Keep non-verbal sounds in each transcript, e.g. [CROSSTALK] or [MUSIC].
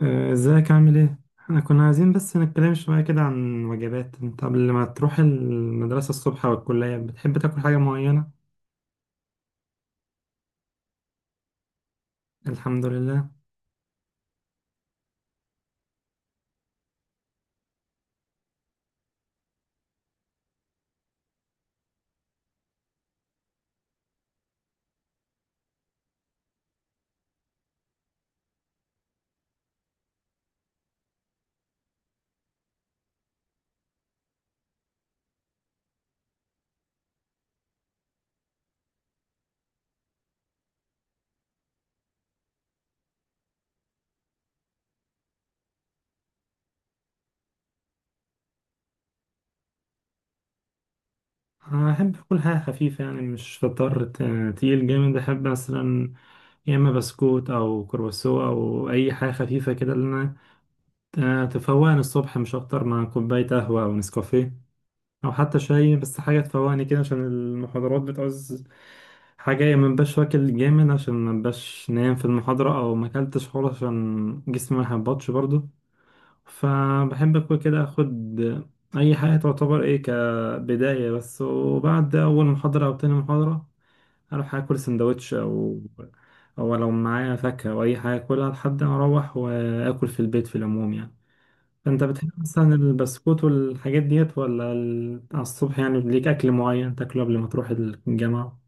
ازيك عامل ايه؟ احنا كنا عايزين بس نتكلم شوية كده عن وجبات. انت قبل ما تروح المدرسة الصبح او الكلية بتحب تاكل حاجة معينة؟ الحمد لله. أنا أحب أكل حاجة خفيفة، يعني مش فطار تقيل جامد. أحب مثلا يا إما بسكوت أو كرواسو أو أي حاجة خفيفة كده اللي أنا تفوقني الصبح، مش أكتر، مع كوباية قهوة أو نسكافيه او حتى شاي. بس حاجه تفوقني كده عشان المحاضرات بتعوز حاجه، يا منبقاش واكل جامد عشان منبقاش نايم في المحاضره، او ما اكلتش خالص عشان جسمي ما يهبطش برضو. فبحب اكل كده، اخد اي حاجه تعتبر ايه كبدايه بس، وبعد اول محاضره او تاني محاضره اروح اكل سندوتش، او لو معايا فاكهه او اي حاجه اكلها لحد ما اروح واكل في البيت، في العموم يعني. انت بتحب مثلا البسكوت والحاجات ديت ولا على الصبح يعني ليك اكل معين تاكله قبل ما تروح الجامعة؟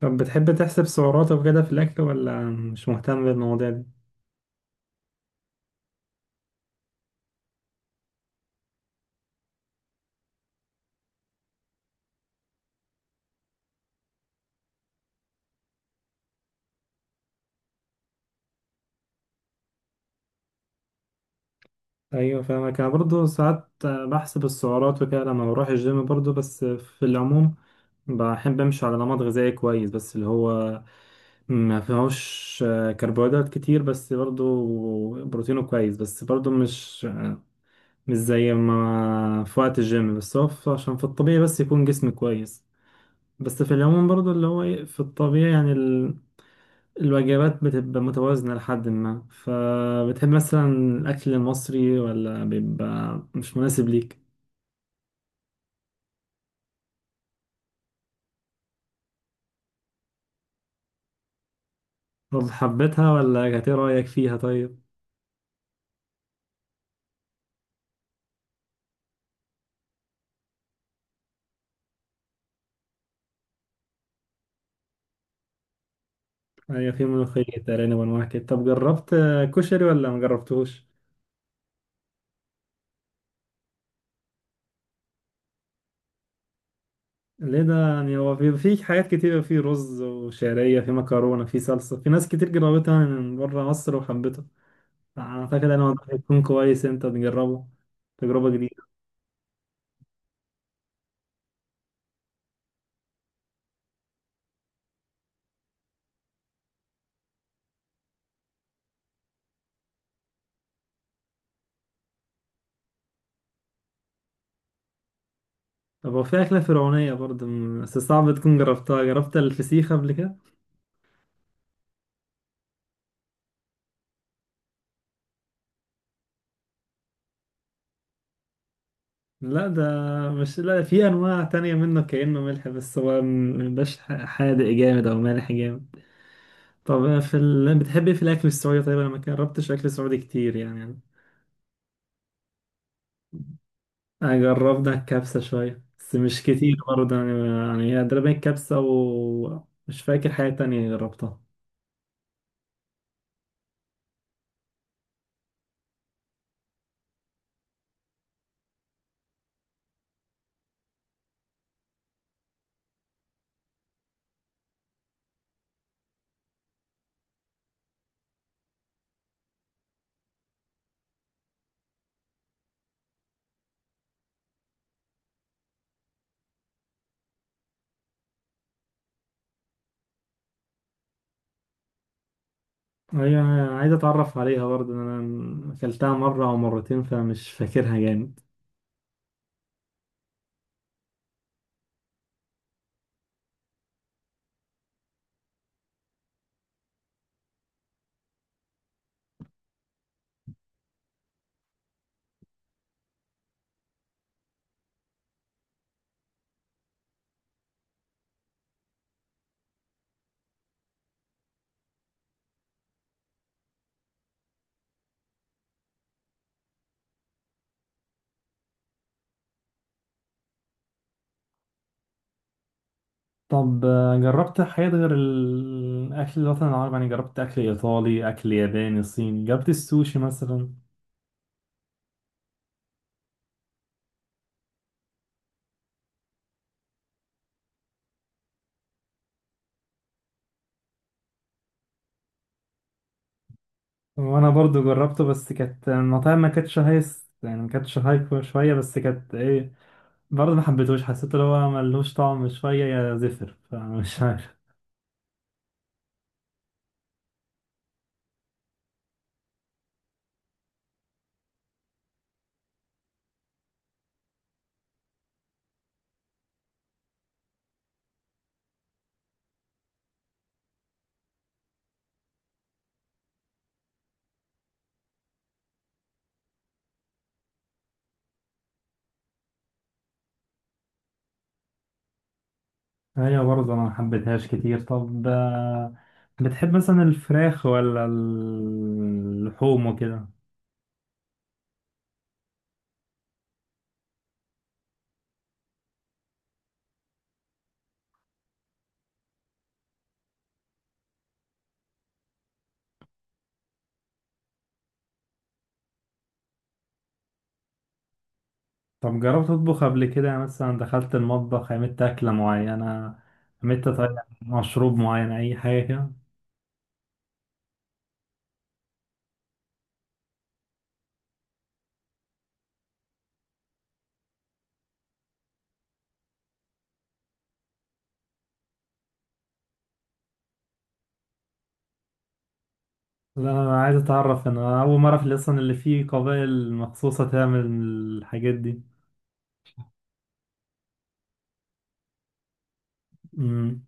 طب بتحب تحسب سعراتك وكده في الاكل ولا مش مهتم بالمواضيع دي؟ ايوه فاهمك، انا برضه ساعات بحسب السعرات وكده لما بروح الجيم برضه، بس في العموم بحب امشي على نمط غذائي كويس، بس اللي هو ما فيهوش كربوهيدرات كتير، بس برضه بروتينه كويس، بس برضه مش زي ما في وقت الجيم، بس هو عشان في الطبيعي بس يكون جسم كويس. بس في العموم برضو اللي هو في الطبيعي يعني الوجبات بتبقى متوازنة لحد ما. فبتحب مثلا الأكل المصري ولا بيبقى مش مناسب ليك؟ طب حبيتها ولا كانت ايه رأيك فيها طيب؟ هي في ملوخية أرانب وأنواع كده. طب جربت كشري ولا ما جربتوش؟ ليه ده يعني؟ هو في حاجات كتير، في رز وشعرية، في مكرونة، في صلصة، في ناس كتير جربتها من بره مصر وحبتها. اعتقد انا الموضوع هيكون كويس انت تجربه، تجربة جديدة. طب هو في أكلة فرعونية برضه بس صعب تكون جربتها. جربت الفسيخ قبل كده؟ لا ده، مش، لا في أنواع تانية منه كأنه ملح، بس هو مبيبقاش حادق جامد أو مالح جامد. طب في بتحب إيه في الأكل السعودي؟ طيب أنا ما جربتش أكل سعودي كتير يعني. أنا جربت الكبسة شوية، بس مش كتير برضه يعني هي تقريبا الكبسة، ومش فاكر حاجة تانية جربتها. هي عايز اتعرف عليها برضه، انا اكلتها مره او مرتين فمش فاكرها جامد. طب جربت حاجات غير الأكل الوطني العربي؟ يعني جربت أكل إيطالي، أكل ياباني، صيني، جربت السوشي مثلا؟ وأنا برضو جربته بس كانت المطاعم ما كانتش هايس يعني، ما كانتش هاي شوية، بس كانت إيه، برضه ما حبيتهوش، حسيت اللي هو ملهوش طعم شوية، يا زفر، فمش عارف. هي برضه انا محبتهاش كتير. طب بتحب مثلا الفراخ ولا اللحوم وكده؟ طب جربت تطبخ قبل كده؟ يعني مثلا دخلت المطبخ عملت أكلة معينة، عملت طيب، مشروب معين، أي حاجة كده؟ لا أنا عايز أتعرف، أنا أول مرة في أصلا اللي فيه قبائل مخصوصة تعمل الحاجات دي. امم.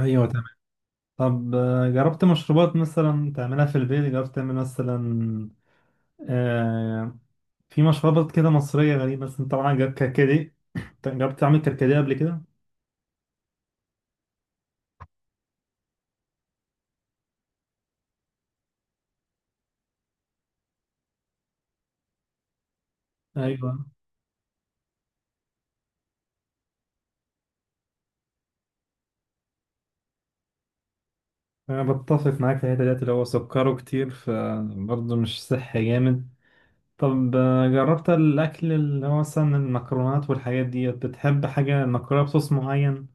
أيوة تمام. طب جربت مشروبات مثلا تعملها في البيت؟ جربت تعمل مثلا آه في مشروبات كده مصرية غريبة، بس انت طبعا جربت كركديه. انت [COUGHS] جربت تعمل كركديه قبل كده؟ ايوه، انا بتفق معاك في الحته ديت اللي هو سكره كتير فبرضه مش صحي جامد. طب جربت الاكل اللي هو مثلا المكرونات والحاجات ديت؟ بتحب حاجه مكرونه بصوص معين؟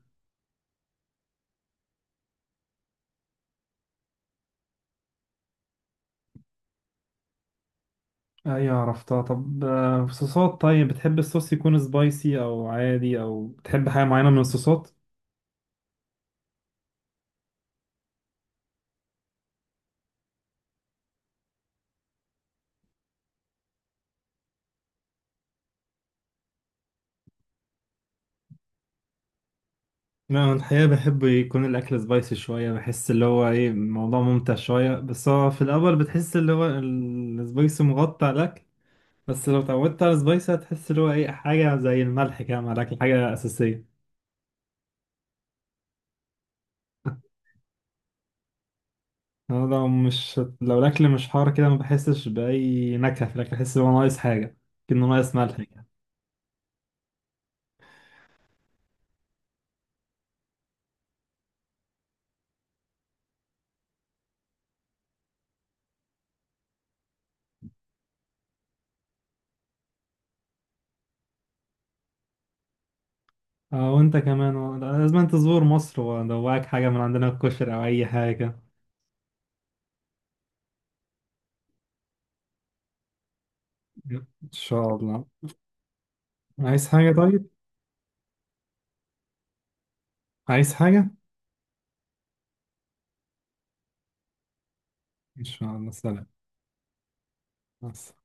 ايوه عرفتها. طب صوصات، طيب بتحب الصوص يكون سبايسي او عادي، او بتحب حاجه معينه من الصوصات؟ لا أنا الحقيقة بحب يكون الأكل سبايسي شوية، بحس اللي هو إيه، الموضوع ممتع شوية. بس هو في الأول بتحس اللي هو السبايسي مغطى على الأكل، بس لو اتعودت على السبايسي هتحس اللي هو إيه، حاجة زي الملح كده مع الأكل، حاجة أساسية. أنا لو الأكل مش حار كده ما بحسش بأي نكهة في الأكل، بحس إن هو ناقص حاجة، كأنه ناقص ملح كده. وأنت كمان لازم أنت تزور مصر وأدوقك حاجة من عندنا، الكشري أو أي حاجة. إن شاء الله. عايز حاجة طيب؟ عايز حاجة؟ إن شاء الله، سلام. مع السلامة.